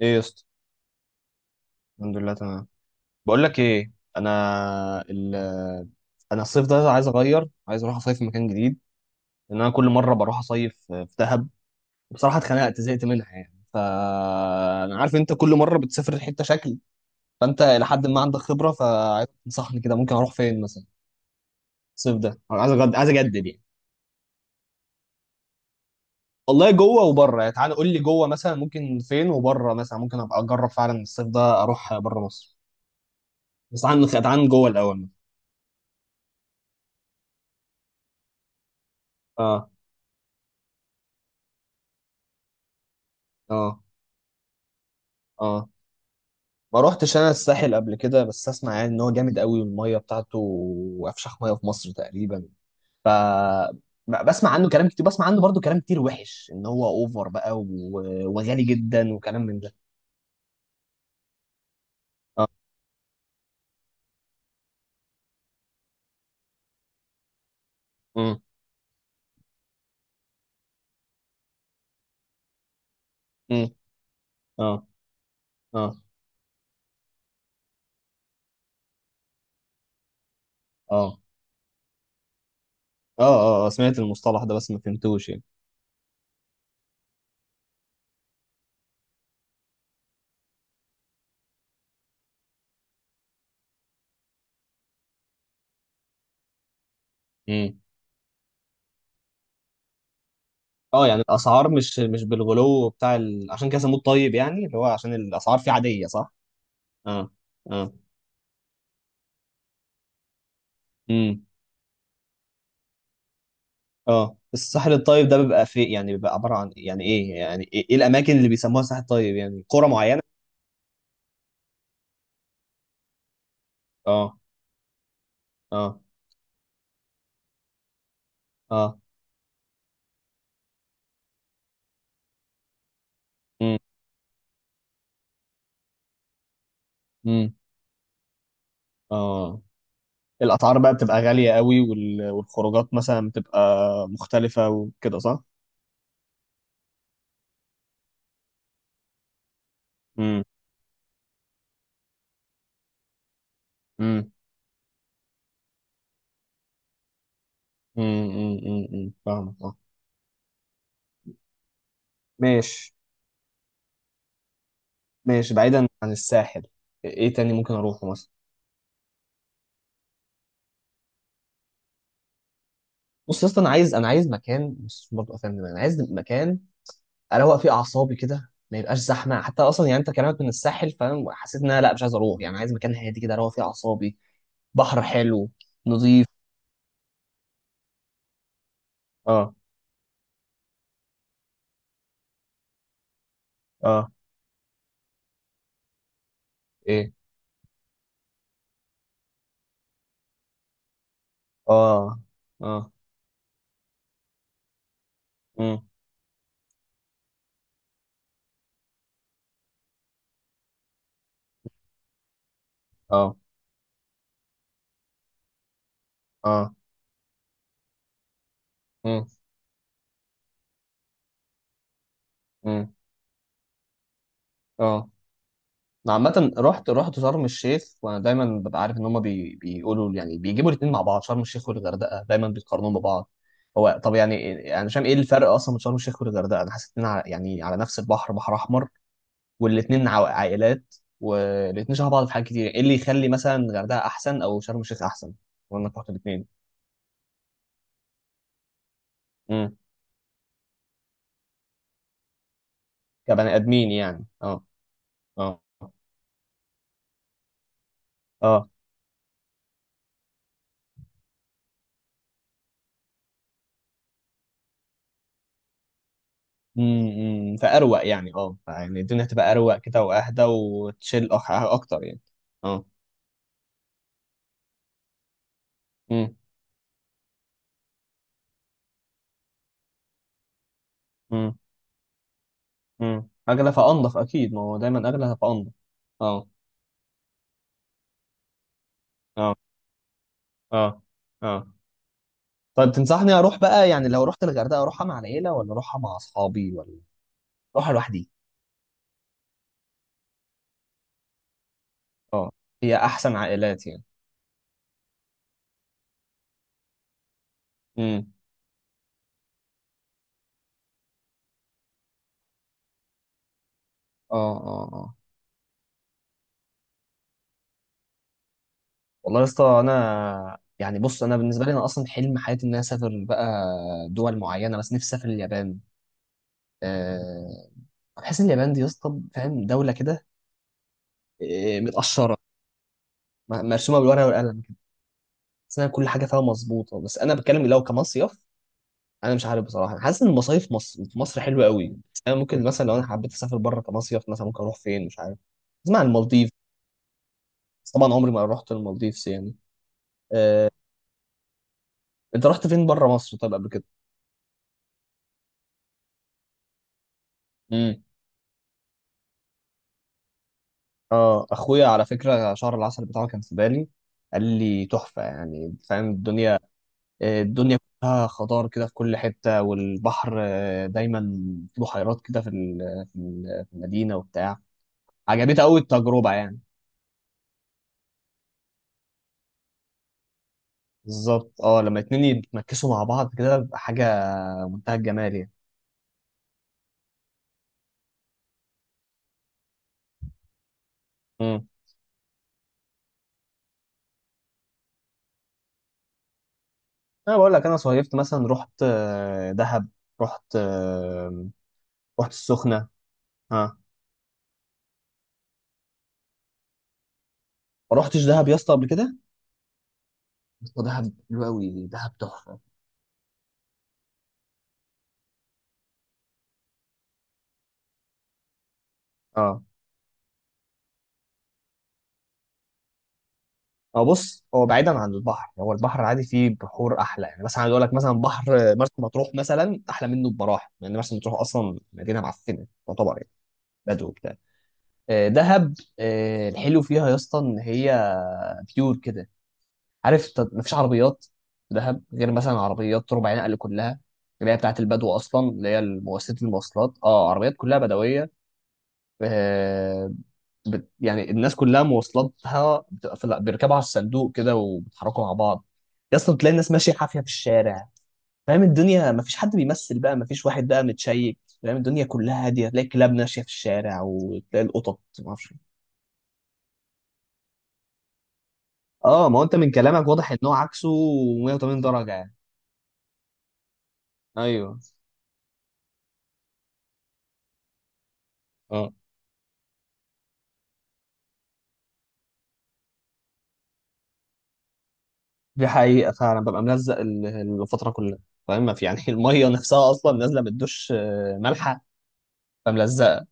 ايه يا اسطى؟ الحمد لله، تمام. بقول لك ايه، انا الصيف ده عايز اغير، عايز اروح اصيف في مكان جديد، لان انا كل مره بروح اصيف في دهب. بصراحه اتخنقت، زهقت منها يعني. فانا عارف انت كل مره بتسافر حته شكل، فانت الى حد ما عندك خبره، فعايز تنصحني كده ممكن اروح فين مثلا؟ الصيف ده أنا عايز عايز اجدد يعني. والله جوه وبره يعني، تعالى قول لي جوه مثلا ممكن فين، وبره مثلا ممكن ابقى اجرب فعلا الصيف ده اروح بره مصر. بس تعال عن جوه الاول. اه، اه، اه. ما روحتش انا الساحل قبل كده، بس اسمع يعني ان هو جامد قوي، والميه بتاعته افشخ ميه في مصر تقريبا. ف بسمع عنه كلام كتير، بسمع عنه برضو كلام كتير وحش، ان هو اوفر بقى وغالي جدا، وكلام من ده. اه. امم. امم. اه، اه، اه، اه، اه. آه، سمعت المصطلح ده بس ما فهمتوش يعني. امم. اه، يعني الاسعار مش بالغلو عشان كده سموه الطيب، يعني اللي هو عشان الاسعار فيه عاديه، صح؟ اه، اه، اه. الساحل الطيب ده بيبقى عبارة عن يعني ايه، يعني ايه، إيه الاماكن اللي بيسموها ساحل طيب، يعني قرى معينة؟ اه، اه، اه. امم. امم. اه، الاسعار بقى بتبقى غالية قوي، والخروجات مثلا بتبقى مختلفة وكده، صح؟ امم. امم. امم. امم. امم. أمم. فاهمك، اه. ماشي. ماشي، بعيدا عن الساحل، ايه تاني ممكن اروحه مثلا؟ بص يا اسطى، انا عايز مكان، بص برضه افهم دماغي. انا عايز مكان اروق في اعصابي كده، ما يبقاش زحمه حتى اصلا، يعني انت كلامك من الساحل فاهم، حسيت ان انا لا مش عايز اروح، يعني عايز مكان هادي كده اروق فيه اعصابي. بحر حلو، نظيف. اه، اه، ايه، اه، اه. امم. اه، اه. امم. امم. اه، أنا عامة رحت شرم الشيخ، وانا دايما ببقى عارف ان هم بيقولوا، يعني بيجيبوا الاثنين مع بعض، شرم الشيخ والغردقة دايما بيقارنوهم ببعض. هو طب يعني انا يعني شايف ايه الفرق اصلا من شرم الشيخ والغردقة؟ انا حاسس ان يعني على نفس البحر، بحر احمر، والاتنين عائلات، والاتنين شبه بعض في حاجات كتير. ايه اللي يخلي مثلا الغردقه احسن او شرم الشيخ احسن؟ وانا رحت الاتنين. امم، كبني ادمين يعني، اه، اه، اه. امم، فاروق يعني، اه، يعني الدنيا هتبقى اروق كده واهدى وتشيل اكتر يعني. اه. امم. امم. امم، اغلى فانضف اكيد، ما هو دايما اغلى فانضف. اه، اه، اه، اه. طب تنصحني اروح بقى يعني، لو رحت الغردقه اروحها مع العيله ولا اروحها مع اصحابي ولا اروحها لوحدي؟ اه، هي احسن عائلات يعني. امم. اه، اه، اه. والله يا اسطى، انا يعني، بص، انا بالنسبه لي انا اصلا حلم حياتي ان انا اسافر بقى دول معينه، بس نفسي اسافر اليابان. أه، بحس ان اليابان دي يا اسطى فاهم، دوله كده آه، متقشره، مرسومه بالورقه والقلم، بس انا كل حاجه فيها مظبوطه. بس انا بتكلم لو كمصيف. انا مش عارف بصراحه، حاسس ان المصايف مصر في مصر حلوه قوي. بس انا ممكن مثلا لو انا حبيت اسافر بره كمصيف، مثلا ممكن اروح فين مش عارف؟ اسمع عن المالديف، بس طبعا عمري ما رحت المالديفز يعني. آه، انت رحت فين بره مصر طيب قبل كده؟ امم. اه، اخويا على فكره شهر العسل بتاعه كان في بالي. قال لي تحفه يعني، فاهم الدنيا؟ آه، الدنيا كلها خضار كده في كل حته، والبحر آه، دايما، في بحيرات كده في المدينه وبتاع. عجبتها قوي التجربه يعني. بالظبط، اه، لما اتنين يتمكسوا مع بعض كده بيبقى حاجه منتهى الجمال يعني. امم. انا بقول لك انا صيفت مثلا، رحت آه، دهب، رحت آه، رحت السخنه. ها، ما رحتش دهب يا اسطى قبل كده، ودهب حلو قوي، دهب تحفه. اه، هو بص، هو بعيدا عن البحر، هو البحر العادي فيه بحور احلى يعني، مثلا عايز اقول لك مثلا بحر مرسى مطروح مثلا احلى منه بمراحل، لان مرسى مطروح اصلا مدينه معفنه تعتبر يعني، بدو وبتاع. آه، دهب آه، الحلو فيها يا اسطى ان هي بيور كده، عارف؟ مفيش عربيات في دهب غير مثلا عربيات ربع نقل كلها، اللي هي بتاعت البدو اصلا، اللي هي مؤسسه المواصلات. اه، عربيات كلها بدويه. آه، يعني الناس كلها مواصلاتها بتبقى بيركبوا على الصندوق كده وبيتحركوا مع بعض. يا اسطى تلاقي الناس ماشيه حافيه في الشارع، فاهم الدنيا؟ مفيش حد بيمثل بقى، مفيش واحد بقى متشيك، فاهم؟ الدنيا كلها هاديه، تلاقي الكلاب ماشيه في الشارع، وتلاقي القطط، ما اعرفش إيه. اه، ما هو انت من كلامك واضح ان هو عكسه، 180 درجه يعني. ايوه. اه، دي حقيقه فعلا، ببقى ملزق الفتره كلها، فاهم؟ ما في يعني الميه نفسها اصلا نازله من الدش آه، مالحه، فملزقه.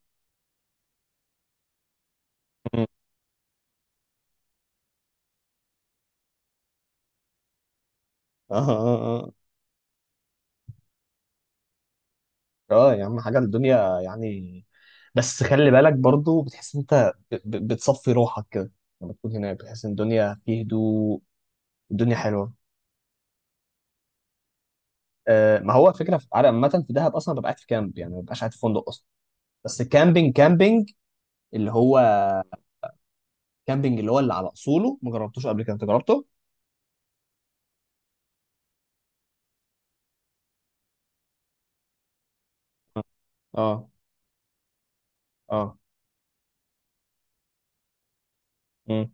اه، اه. اه يا عم، حاجه الدنيا يعني. بس خلي بالك برضو، بتحس ان انت بتصفي روحك كده لما تكون هناك، بتحس ان الدنيا فيه هدوء. الدنيا حلوه. آه، ما هو فكره على عامه في دهب اصلا ببقى قاعد في كامب، يعني ما ببقاش قاعد في فندق اصلا. بس كامبينج، كامبينج اللي هو، كامبينج اللي على اصوله، ما جربتوش قبل كده، انت جربته؟ اه، اه. امم.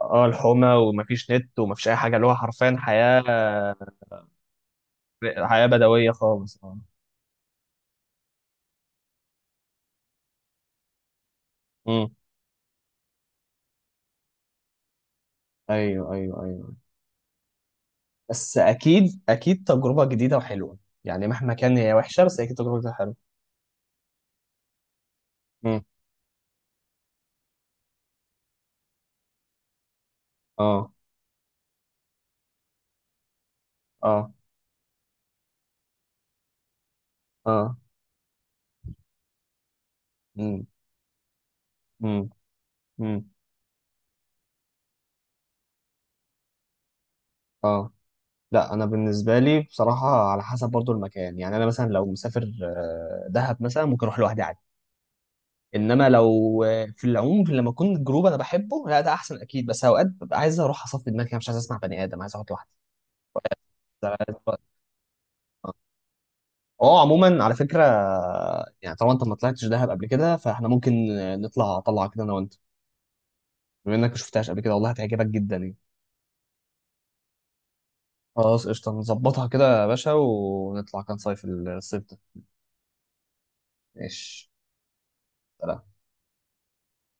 اه، الحومه، ومفيش نت ومفيش اي حاجه، اللي هو حرفيا حياه، حياه بدويه خالص، اه. امم. ايوه، ايوه، ايوه، بس اكيد اكيد تجربه جديده وحلوه، يعني مهما كان هي وحشه، بس اكيد تجربه جديده حلوه. امم. اه، اه، اه. امم. امم. امم. اه، لا، انا بالنسبه لي بصراحه، على حسب برضو المكان، يعني انا مثلا لو مسافر آه، دهب مثلا ممكن اروح لوحدي عادي. انما لو آه، في العموم لما اكون جروب انا بحبه، لا ده احسن اكيد، بس اوقات ببقى عايز اروح اصفي دماغي، أنا مش عايز اسمع بني ادم، عايز اقعد لوحدي. ده- اه، عموما على فكره، يعني طالما انت ما طلعتش دهب قبل كده، فاحنا ممكن نطلع طلعه كده انا وانت. بما انك ما شفتهاش قبل كده والله هتعجبك جدا يعني. خلاص قشطه، نظبطها كده يا باشا، ونطلع كام صيف الصيف ده. ماشي. سلام.